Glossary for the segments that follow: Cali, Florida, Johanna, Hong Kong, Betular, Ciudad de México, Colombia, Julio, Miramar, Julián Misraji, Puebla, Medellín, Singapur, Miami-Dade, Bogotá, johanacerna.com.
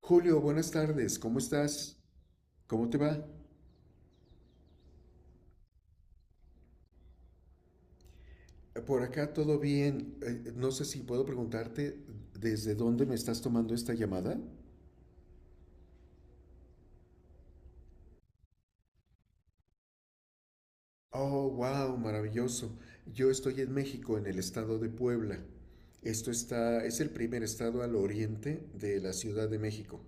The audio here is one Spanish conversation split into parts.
Julio, buenas tardes, ¿cómo estás? ¿Cómo te va? Por acá todo bien. No sé si puedo preguntarte desde dónde me estás tomando esta llamada. Oh, wow, maravilloso. Yo estoy en México, en el estado de Puebla. Es el primer estado al oriente de la Ciudad de México.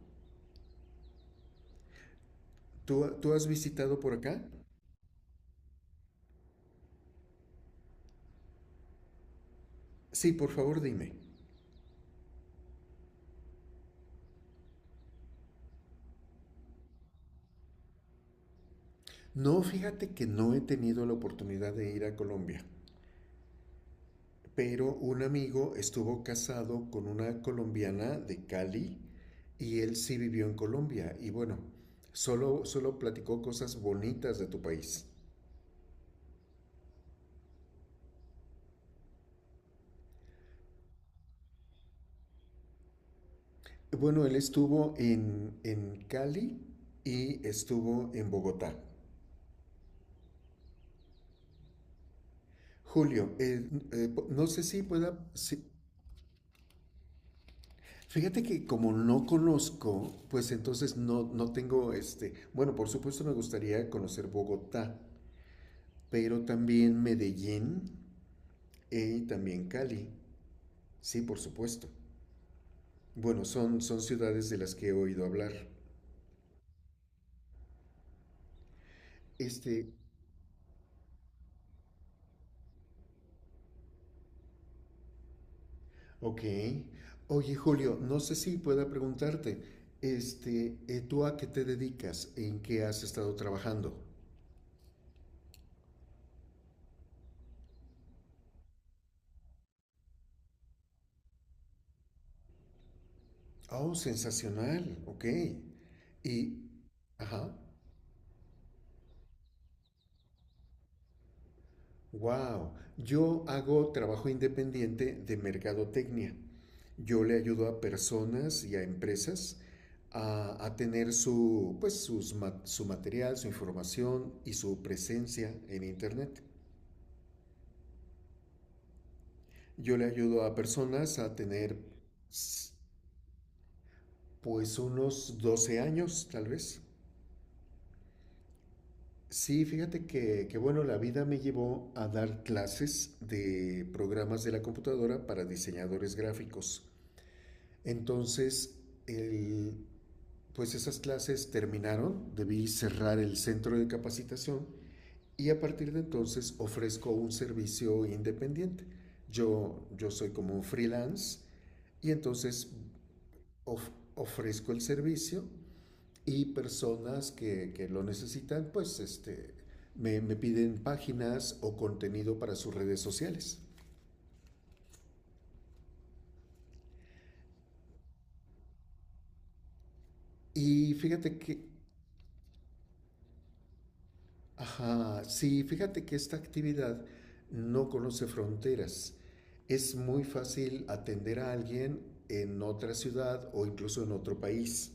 ¿Tú has visitado por acá? Sí, por favor, dime. No, fíjate que no he tenido la oportunidad de ir a Colombia. Pero un amigo estuvo casado con una colombiana de Cali y él sí vivió en Colombia. Y bueno, solo platicó cosas bonitas de tu país. Bueno, él estuvo en Cali y estuvo en Bogotá. Julio, no sé si pueda. Fíjate que como no conozco, pues entonces no, no tengo Bueno, por supuesto me gustaría conocer Bogotá, pero también Medellín y también Cali. Sí, por supuesto. Bueno, son ciudades de las que he oído hablar. Este, ok. Oye, Julio, no sé si pueda preguntarte, ¿tú a qué te dedicas? ¿En qué has estado trabajando? Oh, sensacional, ok. Y, ajá. Wow, yo hago trabajo independiente de mercadotecnia. Yo le ayudo a personas y a empresas a tener pues, su material, su información y su presencia en Internet. Yo le ayudo a personas a tener, s- pues, unos 12 años, tal vez. Sí, fíjate bueno, la vida me llevó a dar clases de programas de la computadora para diseñadores gráficos. Entonces, el, pues esas clases terminaron, debí cerrar el centro de capacitación y a partir de entonces ofrezco un servicio independiente. Yo soy como un freelance y entonces of, ofrezco el servicio y personas que lo necesitan, pues este, me piden páginas o contenido para sus redes sociales. Y fíjate que Ajá, sí, fíjate que esta actividad no conoce fronteras. Es muy fácil atender a alguien en otra ciudad o incluso en otro país.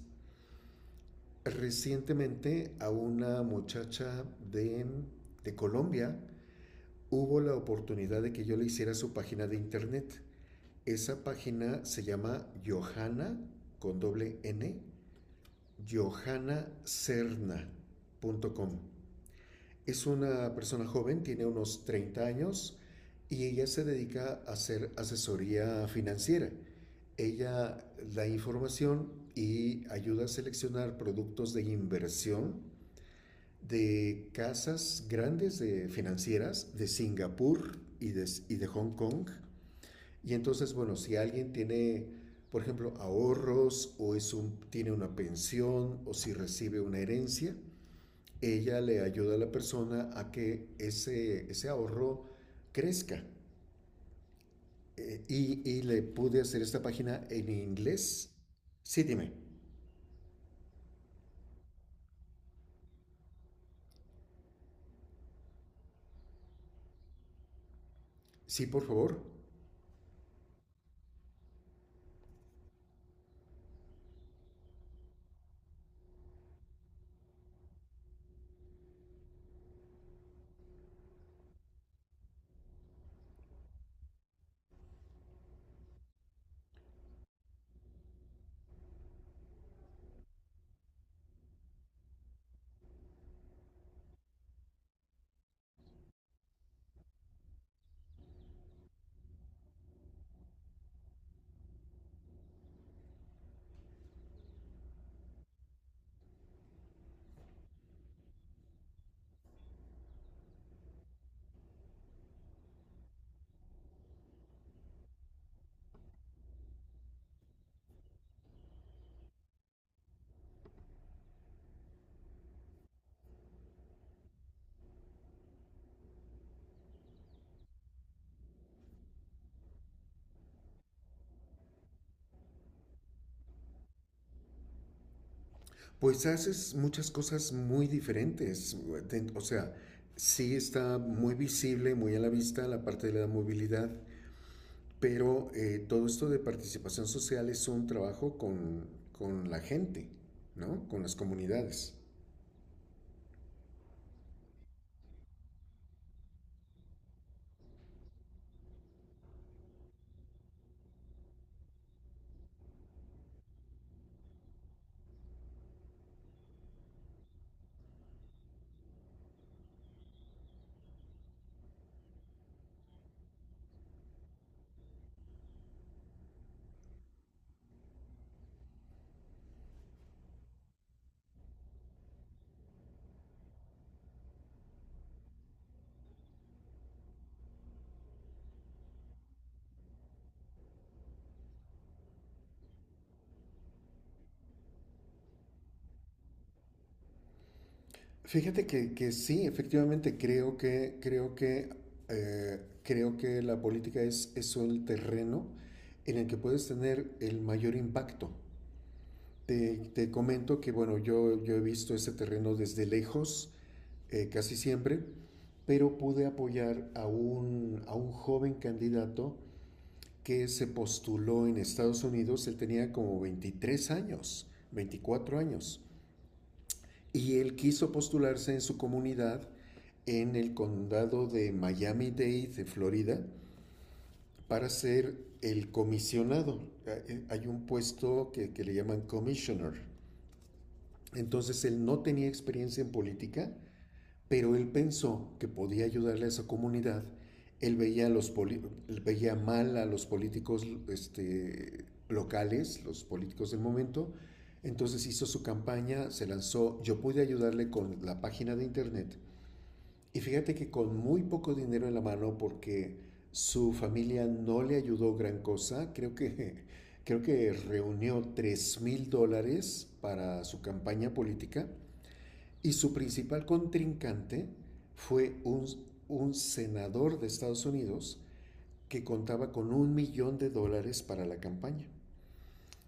Recientemente a una muchacha de Colombia hubo la oportunidad de que yo le hiciera su página de internet. Esa página se llama Johanna con doble N, johanacerna.com. Es una persona joven, tiene unos 30 años y ella se dedica a hacer asesoría financiera. Ella da información y ayuda a seleccionar productos de inversión de casas grandes de financieras de Singapur y y de Hong Kong. Y entonces, bueno, si alguien tiene, por ejemplo, ahorros o tiene una pensión o si recibe una herencia, ella le ayuda a la persona a que ese ahorro crezca. Y le pude hacer esta página en inglés. Sí, dime. Sí, por favor. Pues haces muchas cosas muy diferentes. O sea, sí está muy visible, muy a la vista la parte de la movilidad, pero todo esto de participación social es un trabajo con la gente, ¿no? Con las comunidades. Fíjate que sí, efectivamente, creo que la política es el terreno en el que puedes tener el mayor impacto. Te comento que, bueno, yo he visto ese terreno desde lejos, casi siempre, pero pude apoyar a un joven candidato que se postuló en Estados Unidos. Él tenía como 23 años, 24 años y él quiso postularse en su comunidad en el condado de Miami-Dade, de Florida, para ser el comisionado. Hay un puesto que le llaman commissioner. Entonces él no tenía experiencia en política, pero él pensó que podía ayudarle a esa comunidad. Él veía mal a los políticos locales, los políticos del momento. Entonces hizo su campaña, se lanzó. Yo pude ayudarle con la página de internet. Y fíjate que con muy poco dinero en la mano, porque su familia no le ayudó gran cosa, creo que reunió $3,000 para su campaña política y su principal contrincante fue un senador de Estados Unidos que contaba con $1 millón para la campaña.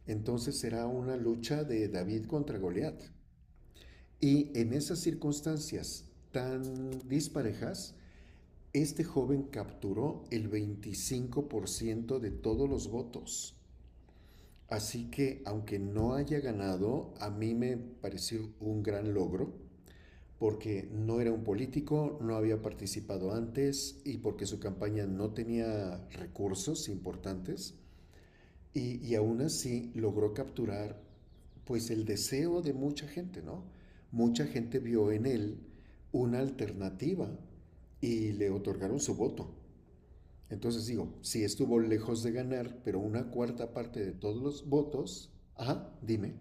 Entonces era una lucha de David contra Goliat. Y en esas circunstancias tan disparejas, este joven capturó el 25% de todos los votos. Así que aunque no haya ganado, a mí me pareció un gran logro porque no era un político, no había participado antes y porque su campaña no tenía recursos importantes y aún así logró capturar pues el deseo de mucha gente, ¿no? Mucha gente vio en él una alternativa y le otorgaron su voto. Entonces digo, sí estuvo lejos de ganar, pero una cuarta parte de todos los votos, ajá, dime.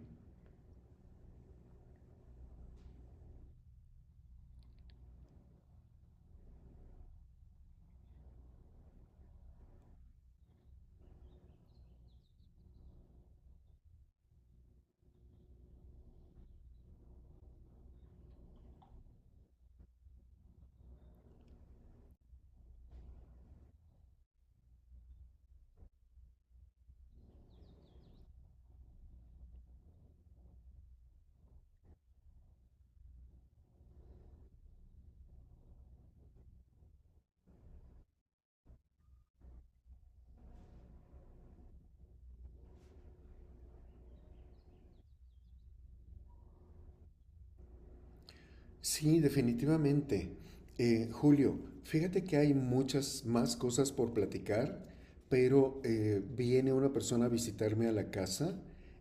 Sí, definitivamente. Julio, fíjate que hay muchas más cosas por platicar, pero viene una persona a visitarme a la casa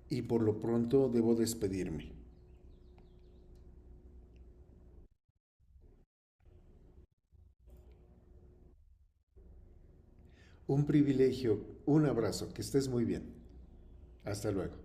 y por lo pronto debo despedirme. Un privilegio, un abrazo, que estés muy bien. Hasta luego.